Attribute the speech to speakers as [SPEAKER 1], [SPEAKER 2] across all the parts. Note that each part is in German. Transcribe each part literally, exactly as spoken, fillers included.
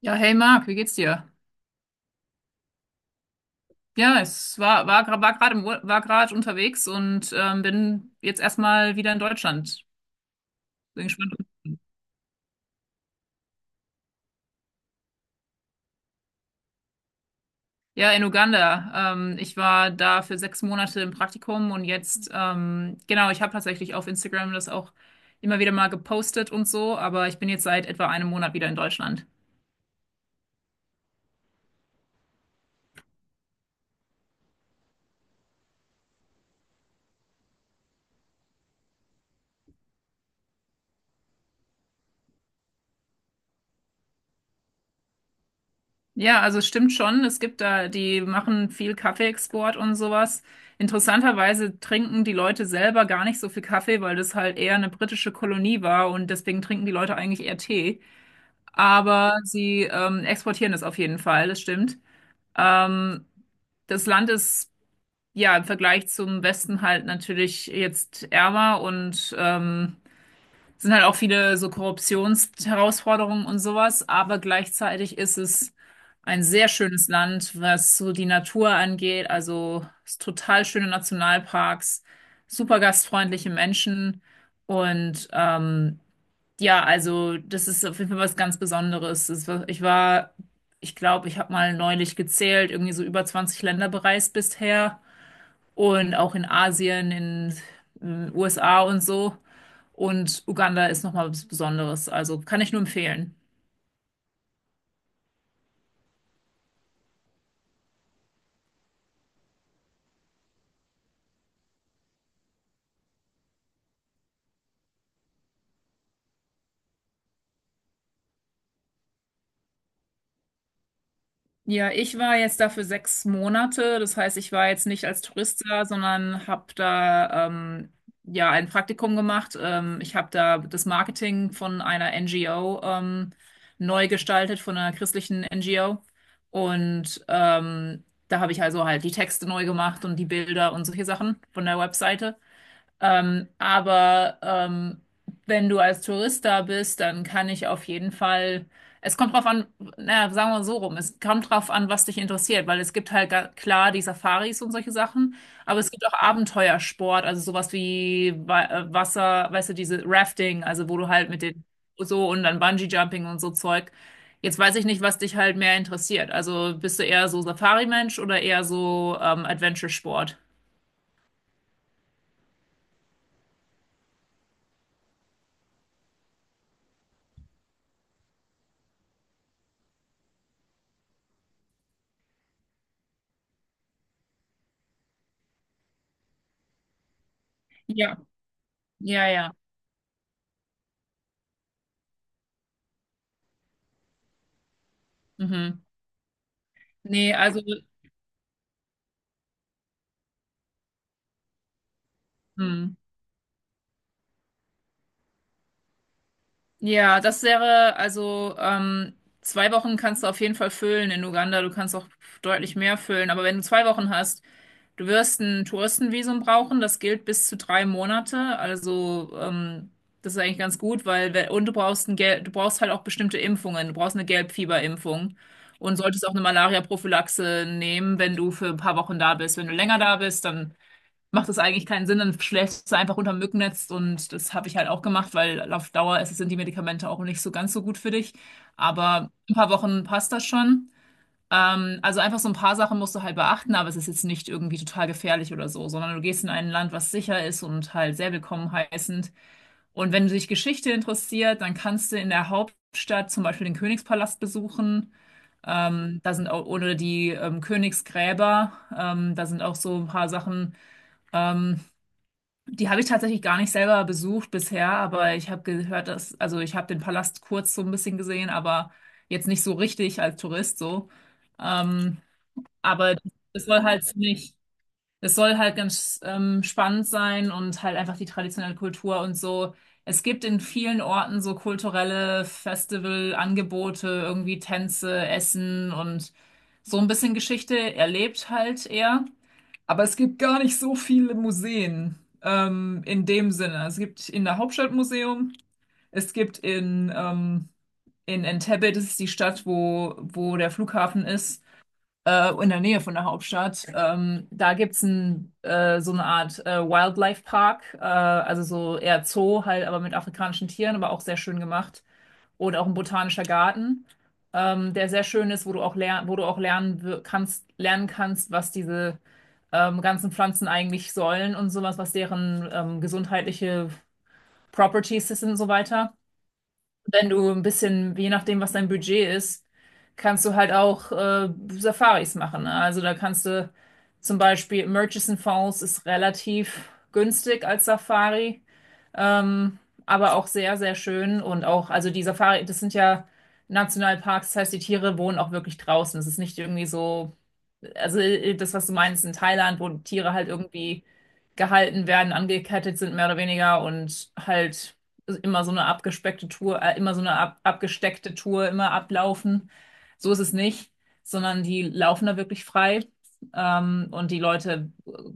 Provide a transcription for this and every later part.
[SPEAKER 1] Ja, hey Marc, wie geht's dir? Ja, es war, war, gra- war gerade im Ur- war gerade unterwegs und ähm, bin jetzt erstmal wieder in Deutschland. Bin gespannt. Ja, in Uganda. Ähm, ich war da für sechs Monate im Praktikum und jetzt, ähm, genau, ich habe tatsächlich auf Instagram das auch immer wieder mal gepostet und so, aber ich bin jetzt seit etwa einem Monat wieder in Deutschland. Ja, also es stimmt schon. Es gibt da, die machen viel Kaffeeexport und sowas. Interessanterweise trinken die Leute selber gar nicht so viel Kaffee, weil das halt eher eine britische Kolonie war und deswegen trinken die Leute eigentlich eher Tee. Aber sie ähm, exportieren das auf jeden Fall, das stimmt. Ähm, das Land ist ja im Vergleich zum Westen halt natürlich jetzt ärmer und ähm, sind halt auch viele so Korruptionsherausforderungen und sowas, aber gleichzeitig ist es ein sehr schönes Land, was so die Natur angeht, also es total schöne Nationalparks, super gastfreundliche Menschen und ähm, ja, also das ist auf jeden Fall was ganz Besonderes. Es war- Ich war, ich glaube, ich habe mal neulich gezählt, irgendwie so über zwanzig Länder bereist bisher und auch in Asien, in, in den U S A und so. Und Uganda ist nochmal was Besonderes. Also kann ich nur empfehlen. Ja, ich war jetzt da für sechs Monate. Das heißt, ich war jetzt nicht als Tourist da, sondern habe da ähm, ja ein Praktikum gemacht. Ähm, ich habe da das Marketing von einer N G O ähm, neu gestaltet, von einer christlichen N G O. Und ähm, da habe ich also halt die Texte neu gemacht und die Bilder und solche Sachen von der Webseite. Ähm, aber ähm, wenn du als Tourist da bist, dann kann ich auf jeden Fall. Es kommt drauf an, naja, sagen wir so rum, es kommt drauf an, was dich interessiert, weil es gibt halt ga- klar die Safaris und solche Sachen, aber es gibt auch Abenteuersport, also sowas wie Wa- äh, Wasser, weißt du, diese Rafting, also wo du halt mit den so und dann Bungee-Jumping und so Zeug. Jetzt weiß ich nicht, was dich halt mehr interessiert. Also bist du eher so Safari-Mensch oder eher so ähm, Adventure-Sport? Ja. Ja, ja. Mhm. Nee, also, hm. Ja, das wäre, also ähm, zwei Wochen kannst du auf jeden Fall füllen in Uganda. Du kannst auch deutlich mehr füllen. Aber wenn du zwei Wochen hast, du wirst ein Touristenvisum brauchen. Das gilt bis zu drei Monate. Also ähm, das ist eigentlich ganz gut, weil we- und du brauchst ein Gel du brauchst halt auch bestimmte Impfungen. Du brauchst eine Gelbfieberimpfung und solltest auch eine Malaria-Prophylaxe nehmen, wenn du für ein paar Wochen da bist. Wenn du länger da bist, dann macht es eigentlich keinen Sinn, dann schläfst du einfach unter dem Mückennetz und das habe ich halt auch gemacht, weil auf Dauer ist, sind die Medikamente auch nicht so ganz so gut für dich. Aber ein paar Wochen passt das schon. Ähm, also einfach so ein paar Sachen musst du halt beachten, aber es ist jetzt nicht irgendwie total gefährlich oder so, sondern du gehst in ein Land, was sicher ist und halt sehr willkommen heißend. Und wenn du dich Geschichte interessiert, dann kannst du in der Hauptstadt zum Beispiel den Königspalast besuchen. Ähm, da sind auch, oder die ähm, Königsgräber, ähm, da sind auch so ein paar Sachen. Ähm, die habe ich tatsächlich gar nicht selber besucht bisher, aber ich habe gehört, dass, also ich habe den Palast kurz so ein bisschen gesehen, aber jetzt nicht so richtig als Tourist so. Ähm, aber es soll halt ziemlich, es soll halt ganz ähm, spannend sein und halt einfach die traditionelle Kultur und so. Es gibt in vielen Orten so kulturelle Festivalangebote, irgendwie Tänze, Essen und so ein bisschen Geschichte erlebt halt eher. Aber es gibt gar nicht so viele Museen ähm, in dem Sinne. Es gibt in der Hauptstadt Museum, es gibt in, ähm, in Entebbe, das ist die Stadt, wo, wo der Flughafen ist, äh, in der Nähe von der Hauptstadt. Ähm, da gibt es ein, äh, so eine Art äh, Wildlife Park, äh, also so eher Zoo halt, aber mit afrikanischen Tieren, aber auch sehr schön gemacht oder auch ein botanischer Garten, ähm, der sehr schön ist, wo du auch lern, wo du auch lernen wir- kannst, lernen kannst, was diese ähm, ganzen Pflanzen eigentlich sollen und sowas, was deren ähm, gesundheitliche Properties sind und so weiter. Wenn du ein bisschen, je nachdem, was dein Budget ist, kannst du halt auch äh, Safaris machen. Ne? Also da kannst du zum Beispiel Murchison Falls ist relativ günstig als Safari. Ähm, aber auch sehr, sehr schön und auch, also die Safari, das sind ja Nationalparks, das heißt, die Tiere wohnen auch wirklich draußen. Es ist nicht irgendwie so, also äh, das, was du meinst in Thailand, wo Tiere halt irgendwie gehalten werden, angekettet sind, mehr oder weniger und halt immer so eine abgespeckte Tour, äh, immer so eine ab, abgesteckte Tour, immer ablaufen. So ist es nicht, sondern die laufen da wirklich frei. Ähm, und die Leute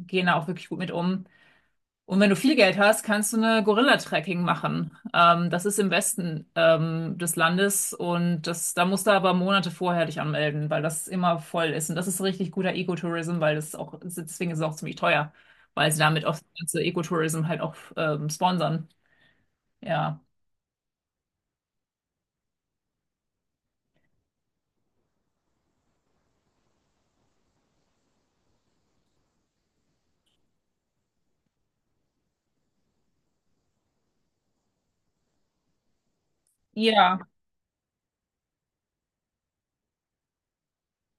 [SPEAKER 1] gehen da auch wirklich gut mit um. Und wenn du viel Geld hast, kannst du eine Gorilla-Trekking machen. Ähm, das ist im Westen ähm, des Landes und das, da musst du aber Monate vorher dich anmelden, weil das immer voll ist. Und das ist richtig guter Ecotourism, weil das ist auch, deswegen ist es auch ziemlich teuer, weil sie damit auch das ganze Ecotourism halt auch ähm, sponsern. Ja. Ja.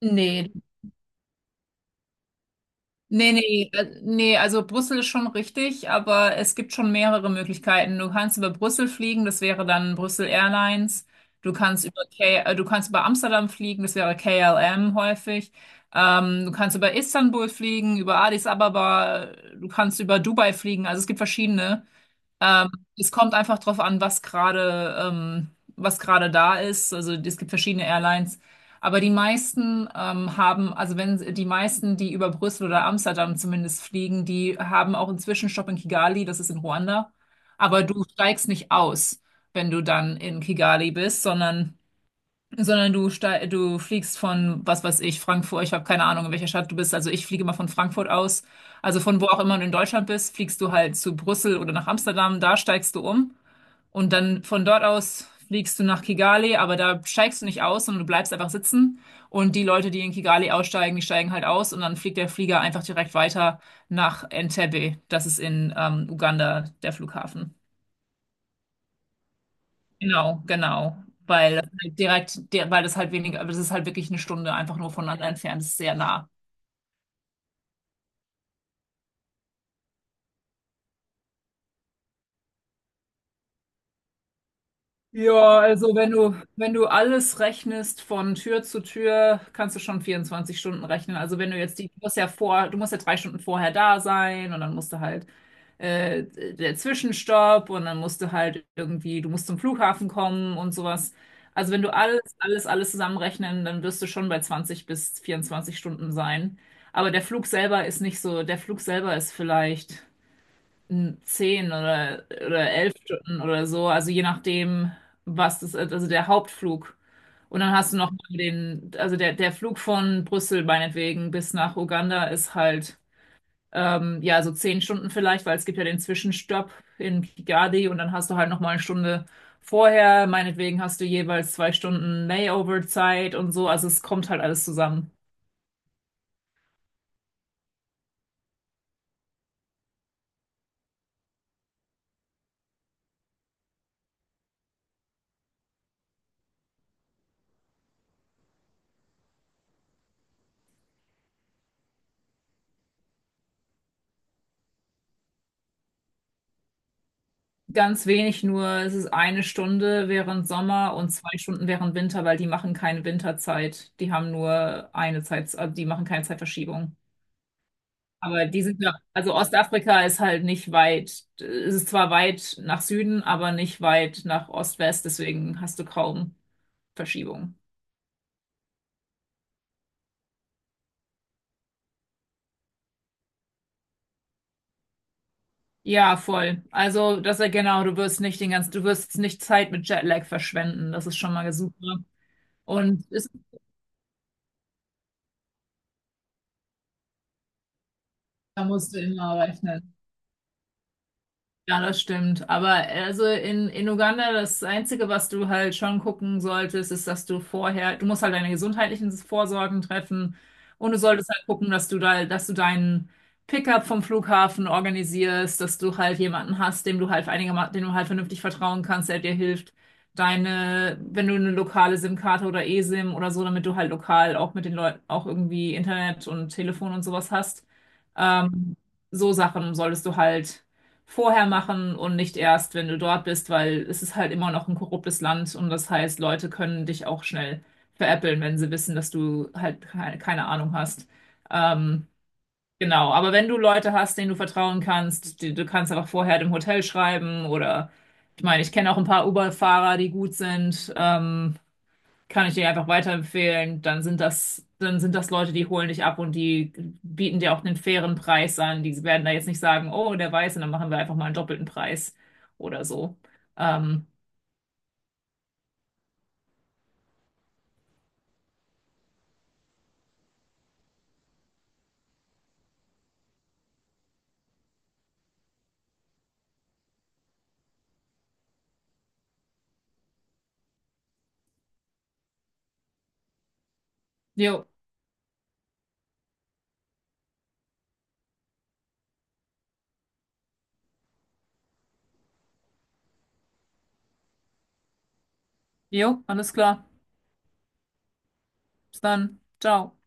[SPEAKER 1] Nee, Nee, nee, äh, nee, also Brüssel ist schon richtig, aber es gibt schon mehrere Möglichkeiten. Du kannst über Brüssel fliegen, das wäre dann Brüssel Airlines. Du kannst über K äh, du kannst über Amsterdam fliegen, das wäre K L M häufig. Ähm, du kannst über Istanbul fliegen, über Addis Ababa, äh, du kannst über Dubai fliegen. Also es gibt verschiedene. Ähm, Es kommt einfach drauf an, was gerade ähm, was gerade da ist. Also es gibt verschiedene Airlines, aber die meisten ähm, haben, also wenn die meisten, die über Brüssel oder Amsterdam zumindest fliegen, die haben auch einen Zwischenstopp in Kigali, das ist in Ruanda. Aber du steigst nicht aus, wenn du dann in Kigali bist, sondern sondern du, ste- du fliegst von, was weiß ich, Frankfurt, ich habe keine Ahnung, in welcher Stadt du bist, also ich fliege immer von Frankfurt aus, also von wo auch immer du in Deutschland bist, fliegst du halt zu Brüssel oder nach Amsterdam, da steigst du um und dann von dort aus fliegst du nach Kigali, aber da steigst du nicht aus, sondern du bleibst einfach sitzen und die Leute, die in Kigali aussteigen, die steigen halt aus und dann fliegt der Flieger einfach direkt weiter nach Entebbe, das ist in ähm, Uganda der Flughafen. Genau, genau. Weil das halt direkt, der, weil das halt weniger, aber das ist halt wirklich eine Stunde einfach nur voneinander entfernt, das ist sehr nah. Ja, also wenn du, wenn du alles rechnest von Tür zu Tür, kannst du schon vierundzwanzig Stunden rechnen. Also wenn du jetzt die, du musst ja vor, du musst ja drei Stunden vorher da sein und dann musst du halt äh, der Zwischenstopp und dann musst du halt irgendwie, du musst zum Flughafen kommen und sowas. Also wenn du alles, alles, alles zusammenrechnen, dann wirst du schon bei zwanzig bis vierundzwanzig Stunden sein. Aber der Flug selber ist nicht so, der Flug selber ist vielleicht n- zehn oder, oder elf Stunden oder so, also je nachdem, was das ist, also der Hauptflug. Und dann hast du noch mal den, also der, der Flug von Brüssel meinetwegen bis nach Uganda ist halt, ähm, ja, so zehn Stunden vielleicht, weil es gibt ja den Zwischenstopp in Kigali und dann hast du halt noch mal eine Stunde vorher, meinetwegen hast du jeweils zwei Stunden Layover-Zeit und so, also es kommt halt alles zusammen. Ganz wenig nur, es ist eine Stunde während Sommer und zwei Stunden während Winter, weil die machen keine Winterzeit. Die haben nur eine Zeit, also die machen keine Zeitverschiebung. Aber die sind ja, also Ostafrika ist halt nicht weit, es ist zwar weit nach Süden, aber nicht weit nach Ost-West, deswegen hast du kaum Verschiebung. Ja, voll. Also, das ist ja genau, du wirst nicht den ganzen, du wirst nicht Zeit mit Jetlag verschwenden, das ist schon mal super. Und es, da musst du immer rechnen. Ja, das stimmt. Aber also in, in Uganda, das Einzige, was du halt schon gucken solltest, ist, dass du vorher, du musst halt deine gesundheitlichen Vorsorgen treffen und du solltest halt gucken, dass du da, dass du deinen Pickup vom Flughafen organisierst, dass du halt jemanden hast, dem du halt einigermaßen, dem du halt vernünftig vertrauen kannst, der dir hilft, deine, wenn du eine lokale SIM-Karte oder eSIM oder so, damit du halt lokal auch mit den Leuten auch irgendwie Internet und Telefon und sowas hast. Ähm, so Sachen solltest du halt vorher machen und nicht erst, wenn du dort bist, weil es ist halt immer noch ein korruptes Land und das heißt, Leute können dich auch schnell veräppeln, wenn sie wissen, dass du halt ke- keine Ahnung hast. Ähm, genau, aber wenn du Leute hast, denen du vertrauen kannst, die, du kannst einfach vorher dem Hotel schreiben oder ich meine, ich kenne auch ein paar Uber-Fahrer, die gut sind. Ähm, kann ich dir einfach weiterempfehlen. Dann sind das, dann sind das Leute, die holen dich ab und die bieten dir auch einen fairen Preis an. Die werden da jetzt nicht sagen, oh, der weiße dann machen wir einfach mal einen doppelten Preis oder so. Ähm, Jo, jo, alles klar. Bis dann. Ciao.